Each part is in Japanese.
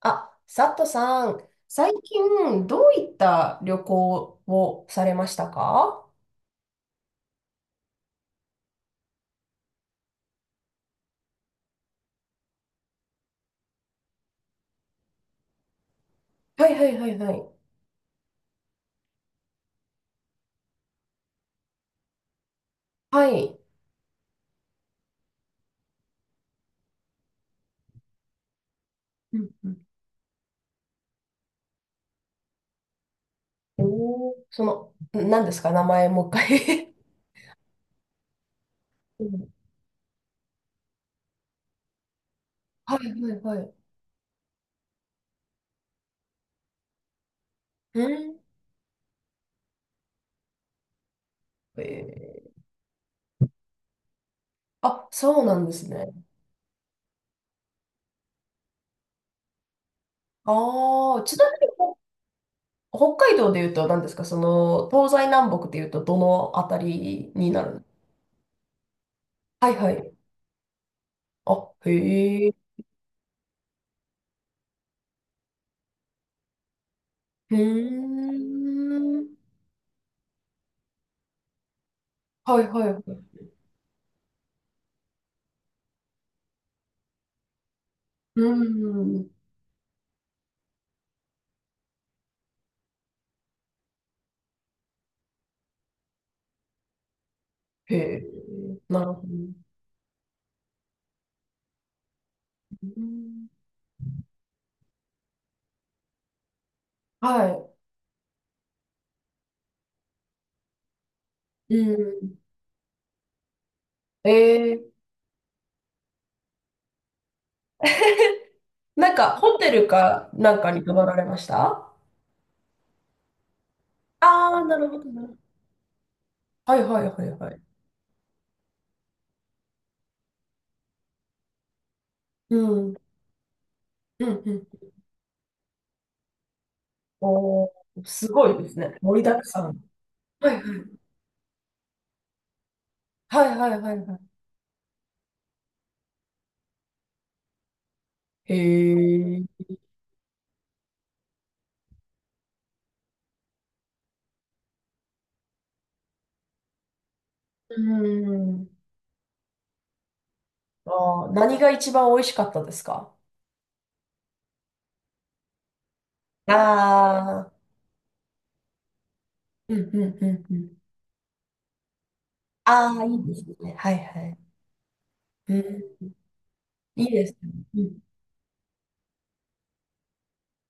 あ、佐藤さん、最近どういった旅行をされましたか？はいはいはいはい。はい。うんうん。おー、その、何ですか、名前もう一回？ うん。はいはいはい。うん。えーあ、そうなんですね。ああ、ちなみに北海道で言うと何ですか、その、東西南北で言うとどのあたりになるの？はいはい。あ、へえ。うーん。はいはいはい。うーん。へえ、なるほど。うん。はい。うん。ええ。 なんか、ホテルかなんかに泊まられました？ああー、なるほど、なるほど。はいはいはいはい。うん。うん、うん。おー、すごいですね。盛りだくさん。はいはい。はいはいはいはい。へえ。うん。ああ、何が一番美味しかったですか？ああー、うんうんうんうん。ああ、いいですね。はいはい。うん。いいですね。うん。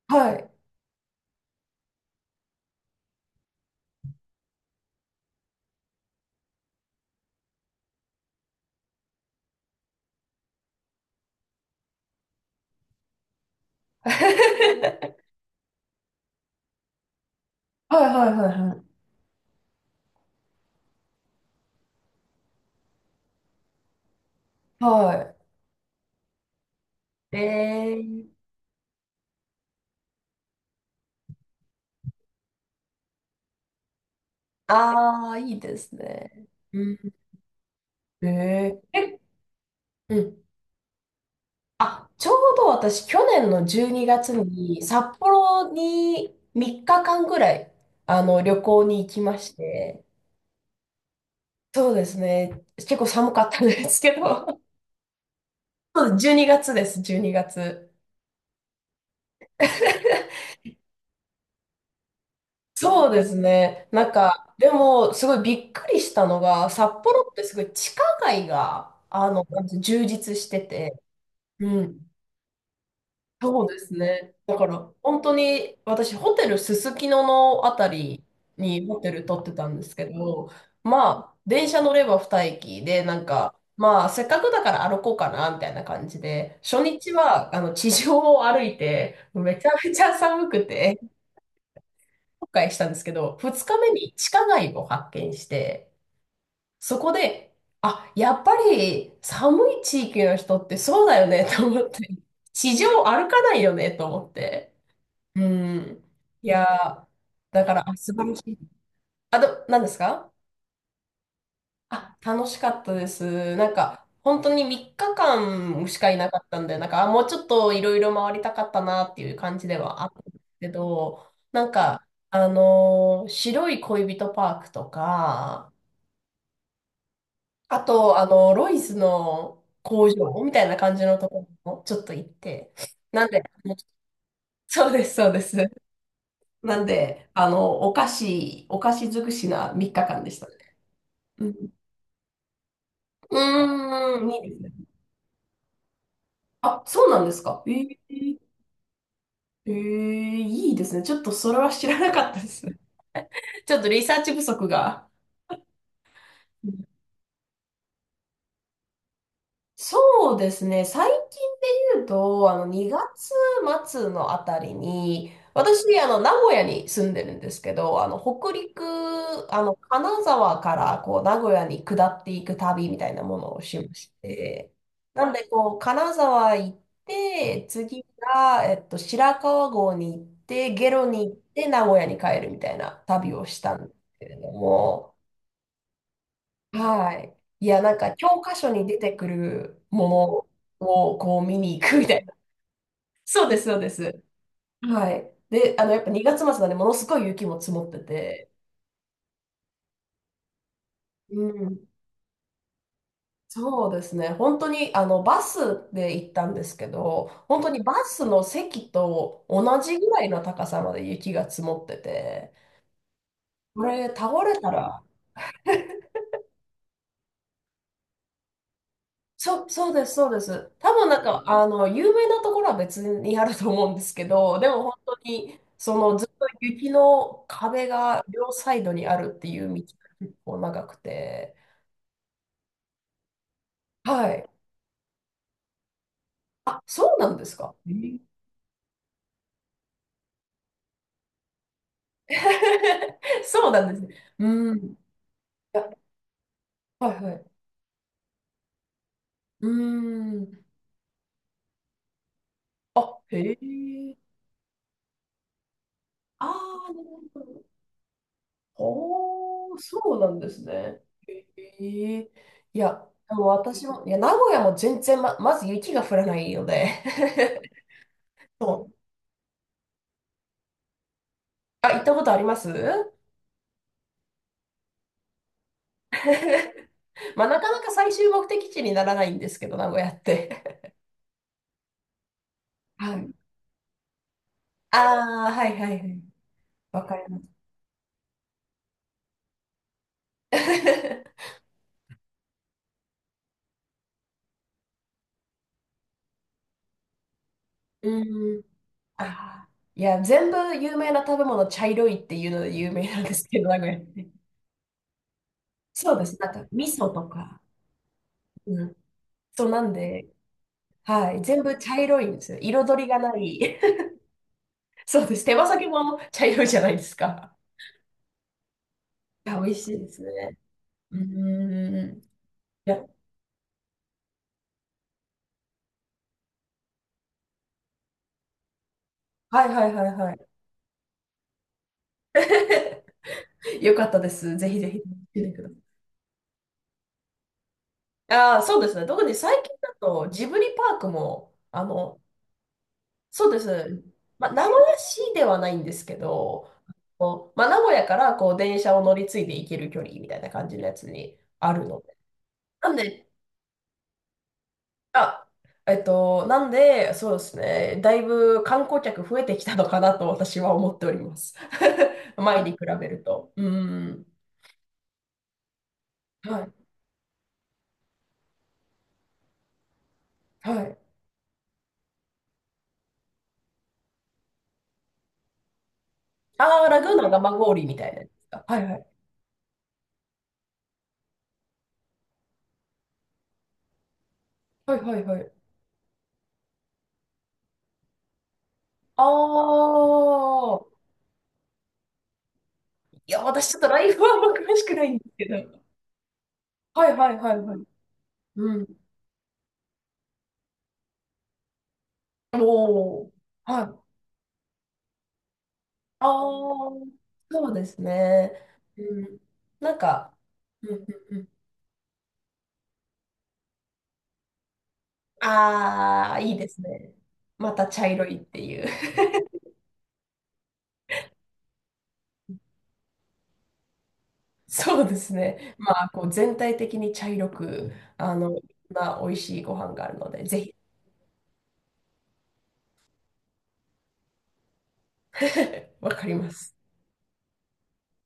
はい。はいはいはいはい。はい。えー、ああ、いいですね。うん。えええ、うん。あ、ちょうど私、去年の12月にがつに札幌に3日間ぐらい、旅行に行きまして、そうですね。結構寒かったんですけど、そうです、12月です、12月。そうですね。なんか、でも、すごいびっくりしたのが、札幌ってすごい地下街が、なんて充実してて、うん。そうですね。だから、本当に、私、ホテルすすきののあたりにホテル取ってたんですけど、まあ、電車乗れば二駅で、なんか、まあ、せっかくだから歩こうかな、みたいな感じで、初日は、地上を歩いて、めちゃめちゃ寒くて、今回したんですけど、2日目に地下街を発見して、そこで、あ、やっぱり寒い地域の人ってそうだよねと思って、地上歩かないよねと思って。うん。いやー、だから、あ、素晴らしい。あと、何ですか？あ、楽しかったです。なんか、本当に3日間しかいなかったんで、なんか、あ、もうちょっといろいろ回りたかったなっていう感じではあったんですけど、なんか、白い恋人パークとか、あと、ロイスの工場みたいな感じのところもちょっと行って、なんで、そうです、そうです。なんで、お菓子尽くしな3日間でしたね。うん、うーん、いいですね。あ、そうなんですか。えー、ええ、いいですね。ちょっとそれは知らなかったです。ちょっとリサーチ不足が。そうですね。最近で言うと、2月末のあたりに、私、名古屋に住んでるんですけど、北陸、金沢から、こう、名古屋に下っていく旅みたいなものをしまして、なんで、こう、金沢行って、次が、白川郷に行って、下呂に行って、名古屋に帰るみたいな旅をしたんですけれども、はい。いや、なんか教科書に出てくるものをこう見に行くみたいな。そうです、そうです。はい。で、やっぱ2月末なんで、ものすごい雪も積もってて。うん。そうですね。本当に、バスで行ったんですけど、本当にバスの席と同じぐらいの高さまで雪が積もってて、これ倒れたら。そう、そうです、そうです。多分なんか、有名なところは別にあると思うんですけど、でも本当に、そのずっと雪の壁が両サイドにあるっていう道が結構長くて、はい。あ、そうなんですか。えー。 そうなんですね。うん。いや、はいはい。うん。あ、へえ。ああ、なるほど。おー、そうなんですね。へえ。いや、でも私も、いや、名古屋も全然、まず雪が降らないので。そう。あ、行ったことあります。 まあ、なかなか最終目的地にならないんですけど、名古屋って。はい。ああ、はいはいはい。わかります。うん。ああ。いや、全部有名な食べ物、茶色いっていうので有名なんですけど、名古屋って。そうです。なんか、味噌とか。うん。そうなんで、はい、全部茶色いんですよ。彩りがない。そうです。手羽先も茶色いじゃないですか。いや、美味しいですね。うーん。いや、はいはいはいはい。よかったです。ぜひぜひ見てください。ああ、そうですね。特に最近だとジブリパークも、そうです。まあ、名古屋市ではないんですけど、こう、まあ、名古屋からこう電車を乗り継いで行ける距離みたいな感じのやつにあるので。なんで、あ、そうですね、だいぶ観光客増えてきたのかなと私は思っております。前に比べると。うん。はい。はい。ああ、ラグーナ生氷みたいなやつか。はいはい。はいはいはい。ああ、いや、私ちょっとライフはあんま詳しくないんですけど。はいはいはいはい。うん。おお。はい。ああ、そうですね。うん。なんか、うんうんうん。ああ、いいですね。また茶色いっていう。そうですね。まあ、こう全体的に茶色く、いろんな美味しいご飯があるので、ぜひ。わかります。